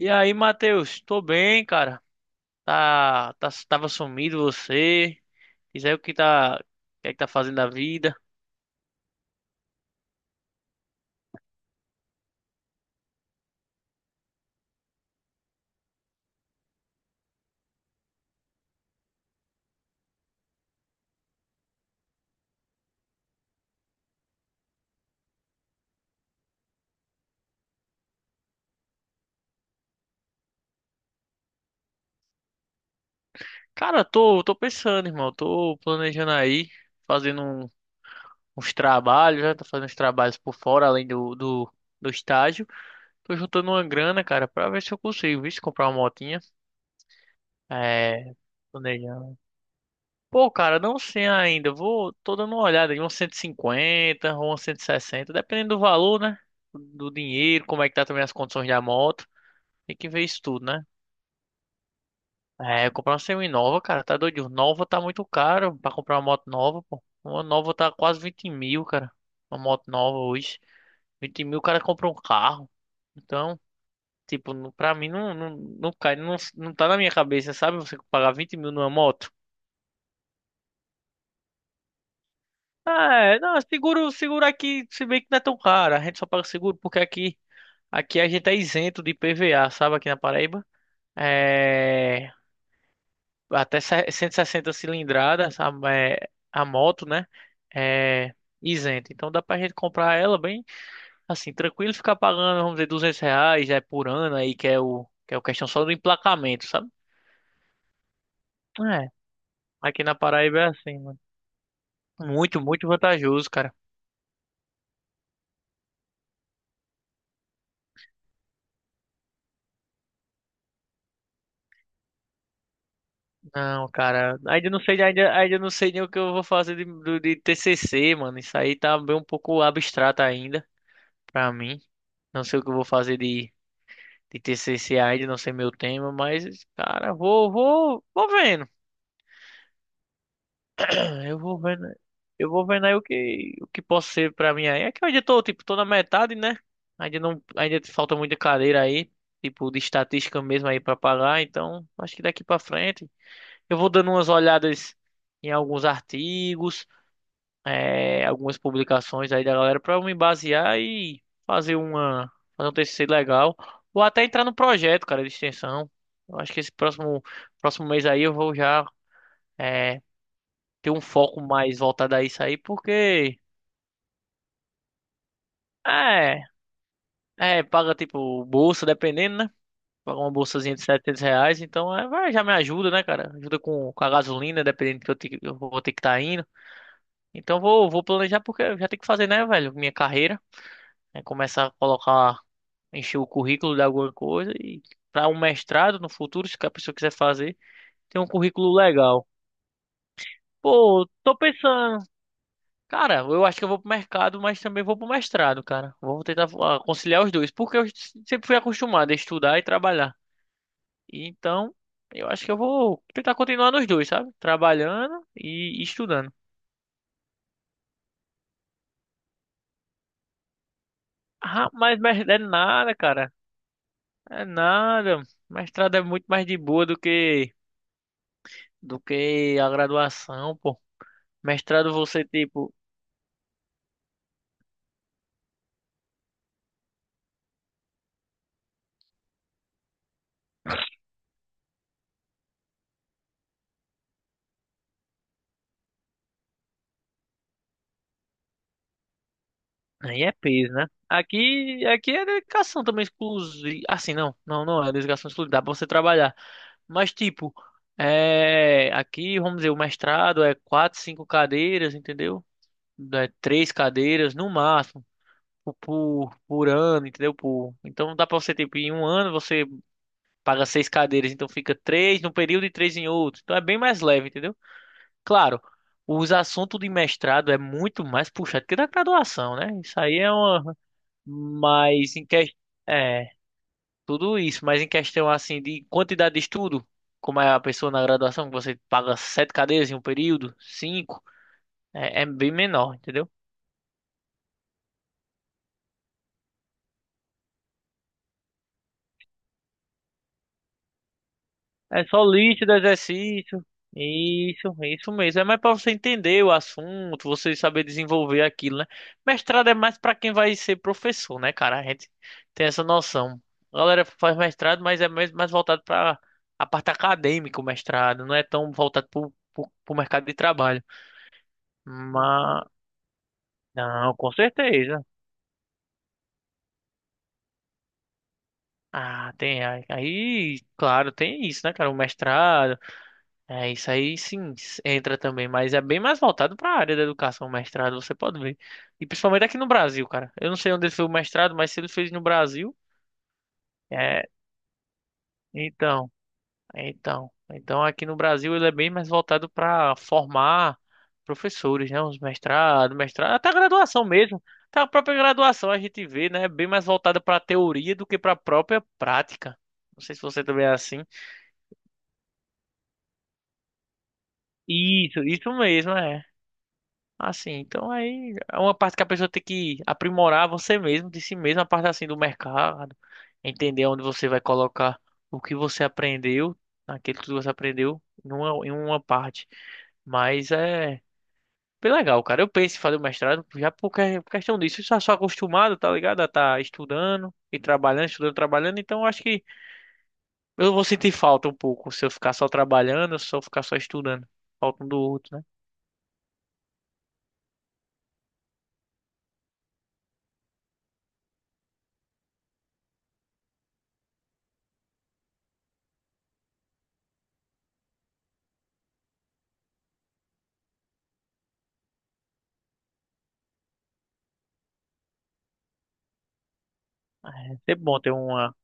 E aí, Matheus? Tô bem, cara. Tá, tá, tava sumido você. Diz aí o que é que tá fazendo da vida. Cara, tô pensando, irmão. Tô planejando aí, fazendo uns trabalhos, né? Tô fazendo uns trabalhos por fora, além do estágio. Tô juntando uma grana, cara, pra ver se eu consigo, viu? Se comprar uma motinha. É, planejando. Pô, cara, não sei ainda. Tô dando uma olhada em uns 150 ou uns 160, dependendo do valor, né? Do dinheiro, como é que tá também as condições da moto. Tem que ver isso tudo, né? É, comprar uma semi-nova, cara, tá doido. Nova tá muito caro pra comprar uma moto nova, pô. Uma nova tá quase 20 mil, cara. Uma moto nova hoje. 20 mil o cara compra um carro. Então, tipo, pra mim não, não, não cai, não, não tá na minha cabeça, sabe? Você pagar 20 mil numa moto. Ah, é, não, seguro, seguro aqui, se bem que não é tão caro, a gente só paga seguro porque aqui a gente é isento de PVA, sabe, aqui na Paraíba. É, até 160 cilindradas a moto, né, é isento. Então dá pra gente comprar ela bem, assim, tranquilo, ficar pagando, vamos dizer, R$ 200 é, por ano aí, que é o questão só do emplacamento, sabe? É, aqui na Paraíba é assim, mano. Muito, muito vantajoso, cara. Não, cara, ainda não sei, ainda não sei nem o que eu vou fazer de TCC, mano. Isso aí tá bem um pouco abstrato ainda pra mim. Não sei o que eu vou fazer de TCC ainda, não sei meu tema, mas, cara, vou vendo. Eu vou vendo, eu vou vendo aí o que posso ser pra mim aí. É que eu ainda tô, tipo, tô na metade, né? Ainda não, ainda falta muita cadeira aí, tipo, de estatística mesmo aí pra pagar, então acho que daqui pra frente eu vou dando umas olhadas em alguns artigos. É, algumas publicações aí da galera para eu me basear e fazer uma fazer um TCC legal ou até entrar no projeto, cara, de extensão. Eu acho que esse próximo mês aí eu vou já é, ter um foco mais voltado a isso aí, porque é, é paga tipo bolsa, dependendo, né? Paga uma bolsazinha de R$ 700, então vai, já me ajuda, né, cara? Ajuda com a gasolina, dependendo do que eu vou ter que estar indo. Então vou, vou planejar porque eu já tenho que fazer, né, velho, minha carreira. Né? Começar a colocar, encher o currículo de alguma coisa e para um mestrado no futuro, se a pessoa quiser fazer, tem um currículo legal. Pô, tô pensando, cara, eu acho que eu vou pro mercado, mas também vou pro mestrado, cara. Vou tentar conciliar os dois, porque eu sempre fui acostumado a estudar e trabalhar. Então, eu acho que eu vou tentar continuar nos dois, sabe? Trabalhando e estudando. Ah, mas é nada, cara. É nada. Mestrado é muito mais de boa do que a graduação, pô. Mestrado você, tipo, aí é peso, né? Aqui é dedicação também exclusiva. Assim, não, não, não é dedicação exclusiva, dá pra você trabalhar. Mas, tipo, aqui, vamos dizer, o mestrado é quatro, cinco cadeiras, entendeu? É três cadeiras no máximo. Por ano, entendeu? Por... Então dá pra você, tipo, em um ano você paga seis cadeiras, então fica três num período e três em outro. Então é bem mais leve, entendeu? Claro, os assuntos de mestrado é muito mais puxado que da graduação, né? Isso aí é uma. Mas em que... É, tudo isso, mas em questão assim de quantidade de estudo, como é a pessoa na graduação, que você paga sete cadeias em um período, cinco, é bem menor, entendeu? É só líquido, exercício. Isso mesmo. É mais pra você entender o assunto, você saber desenvolver aquilo, né? Mestrado é mais pra quem vai ser professor, né, cara? A gente tem essa noção. A galera faz mestrado, mas é mais voltado pra a parte acadêmica, o mestrado. Não é tão voltado pro mercado de trabalho. Mas, não, com certeza. Ah, tem. Aí, claro, tem isso, né, cara? O mestrado. É, isso aí sim entra também, mas é bem mais voltado para a área da educação, mestrado, você pode ver. E principalmente aqui no Brasil, cara. Eu não sei onde ele fez o mestrado, mas se ele fez no Brasil, é, então, então, aqui no Brasil ele é bem mais voltado para formar professores, né? Os mestrados, mestrado, até a graduação mesmo. Até a própria graduação a gente vê, né? É bem mais voltada para a teoria do que para a própria prática. Não sei se você também é assim. Isso mesmo, é. Assim, então aí é uma parte que a pessoa tem que aprimorar você mesmo, de si mesmo, a parte assim do mercado, entender onde você vai colocar o que você aprendeu, aquilo que você aprendeu em uma parte. Mas é bem legal, cara. Eu penso em fazer o mestrado já por questão disso. Eu já sou acostumado, tá ligado? A tá estudando e trabalhando, estudando, trabalhando. Então eu acho que eu vou sentir falta um pouco se eu ficar só trabalhando, se eu ficar só estudando. Falta um do outro, né? É sempre bom ter uma.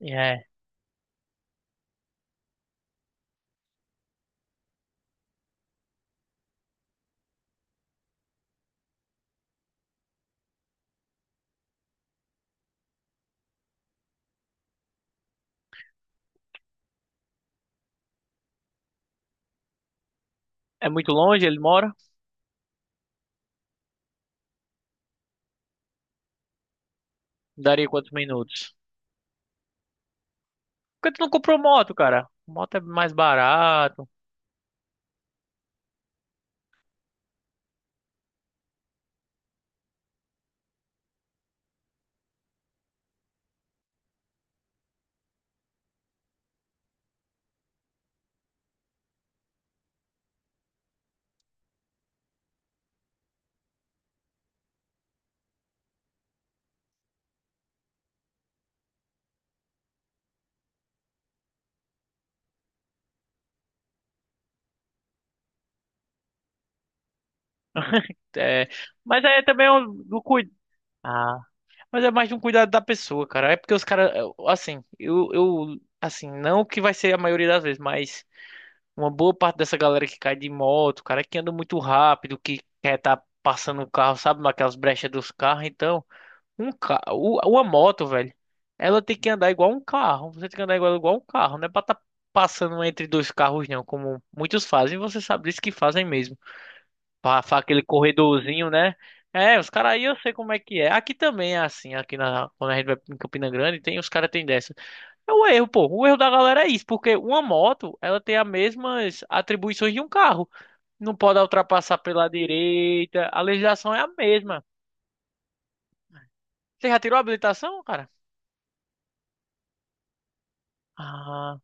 É, é muito longe, ele mora. Daria quantos minutos? Por que tu não comprou moto, cara? Moto é mais barato. É... Mas é também do cuidado. Ah, mas é mais de um cuidado da pessoa, cara. É porque os caras, assim, assim, não que vai ser a maioria das vezes, mas uma boa parte dessa galera que cai de moto, cara, que anda muito rápido, que quer tá passando o carro, sabe, naquelas brechas dos carros, então. Um ca... Uma moto, velho. Ela tem que andar igual um carro. Você tem que andar igual, igual um carro. Não é pra estar passando entre dois carros, não. Como muitos fazem. Você sabe disso que fazem mesmo. Pra aquele corredorzinho, né? É, os caras aí eu sei como é que é. Aqui também é assim. Aqui na... quando a gente vai em Campina Grande, tem, os caras tem dessa. É o erro, pô. O erro da galera é isso. Porque uma moto, ela tem as mesmas atribuições de um carro. Não pode ultrapassar pela direita. A legislação é a mesma. Você já tirou a habilitação, cara? Ah.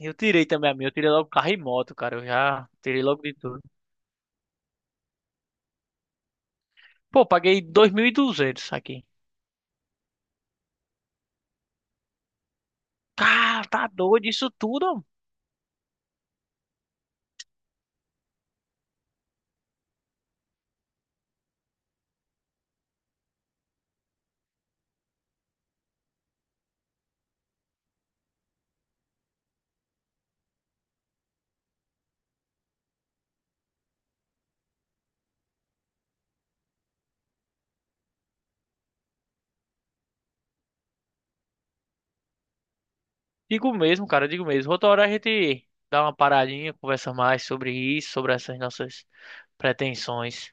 Eu tirei também a minha. Eu tirei logo carro e moto, cara. Eu já tirei logo de tudo. Pô, paguei 2.200 aqui. Cara, tá doido isso tudo? Homem. Digo mesmo, cara. Digo mesmo. Outra hora a gente dá uma paradinha, conversa mais sobre isso, sobre essas nossas pretensões.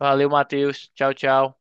Valeu, Matheus. Tchau, tchau.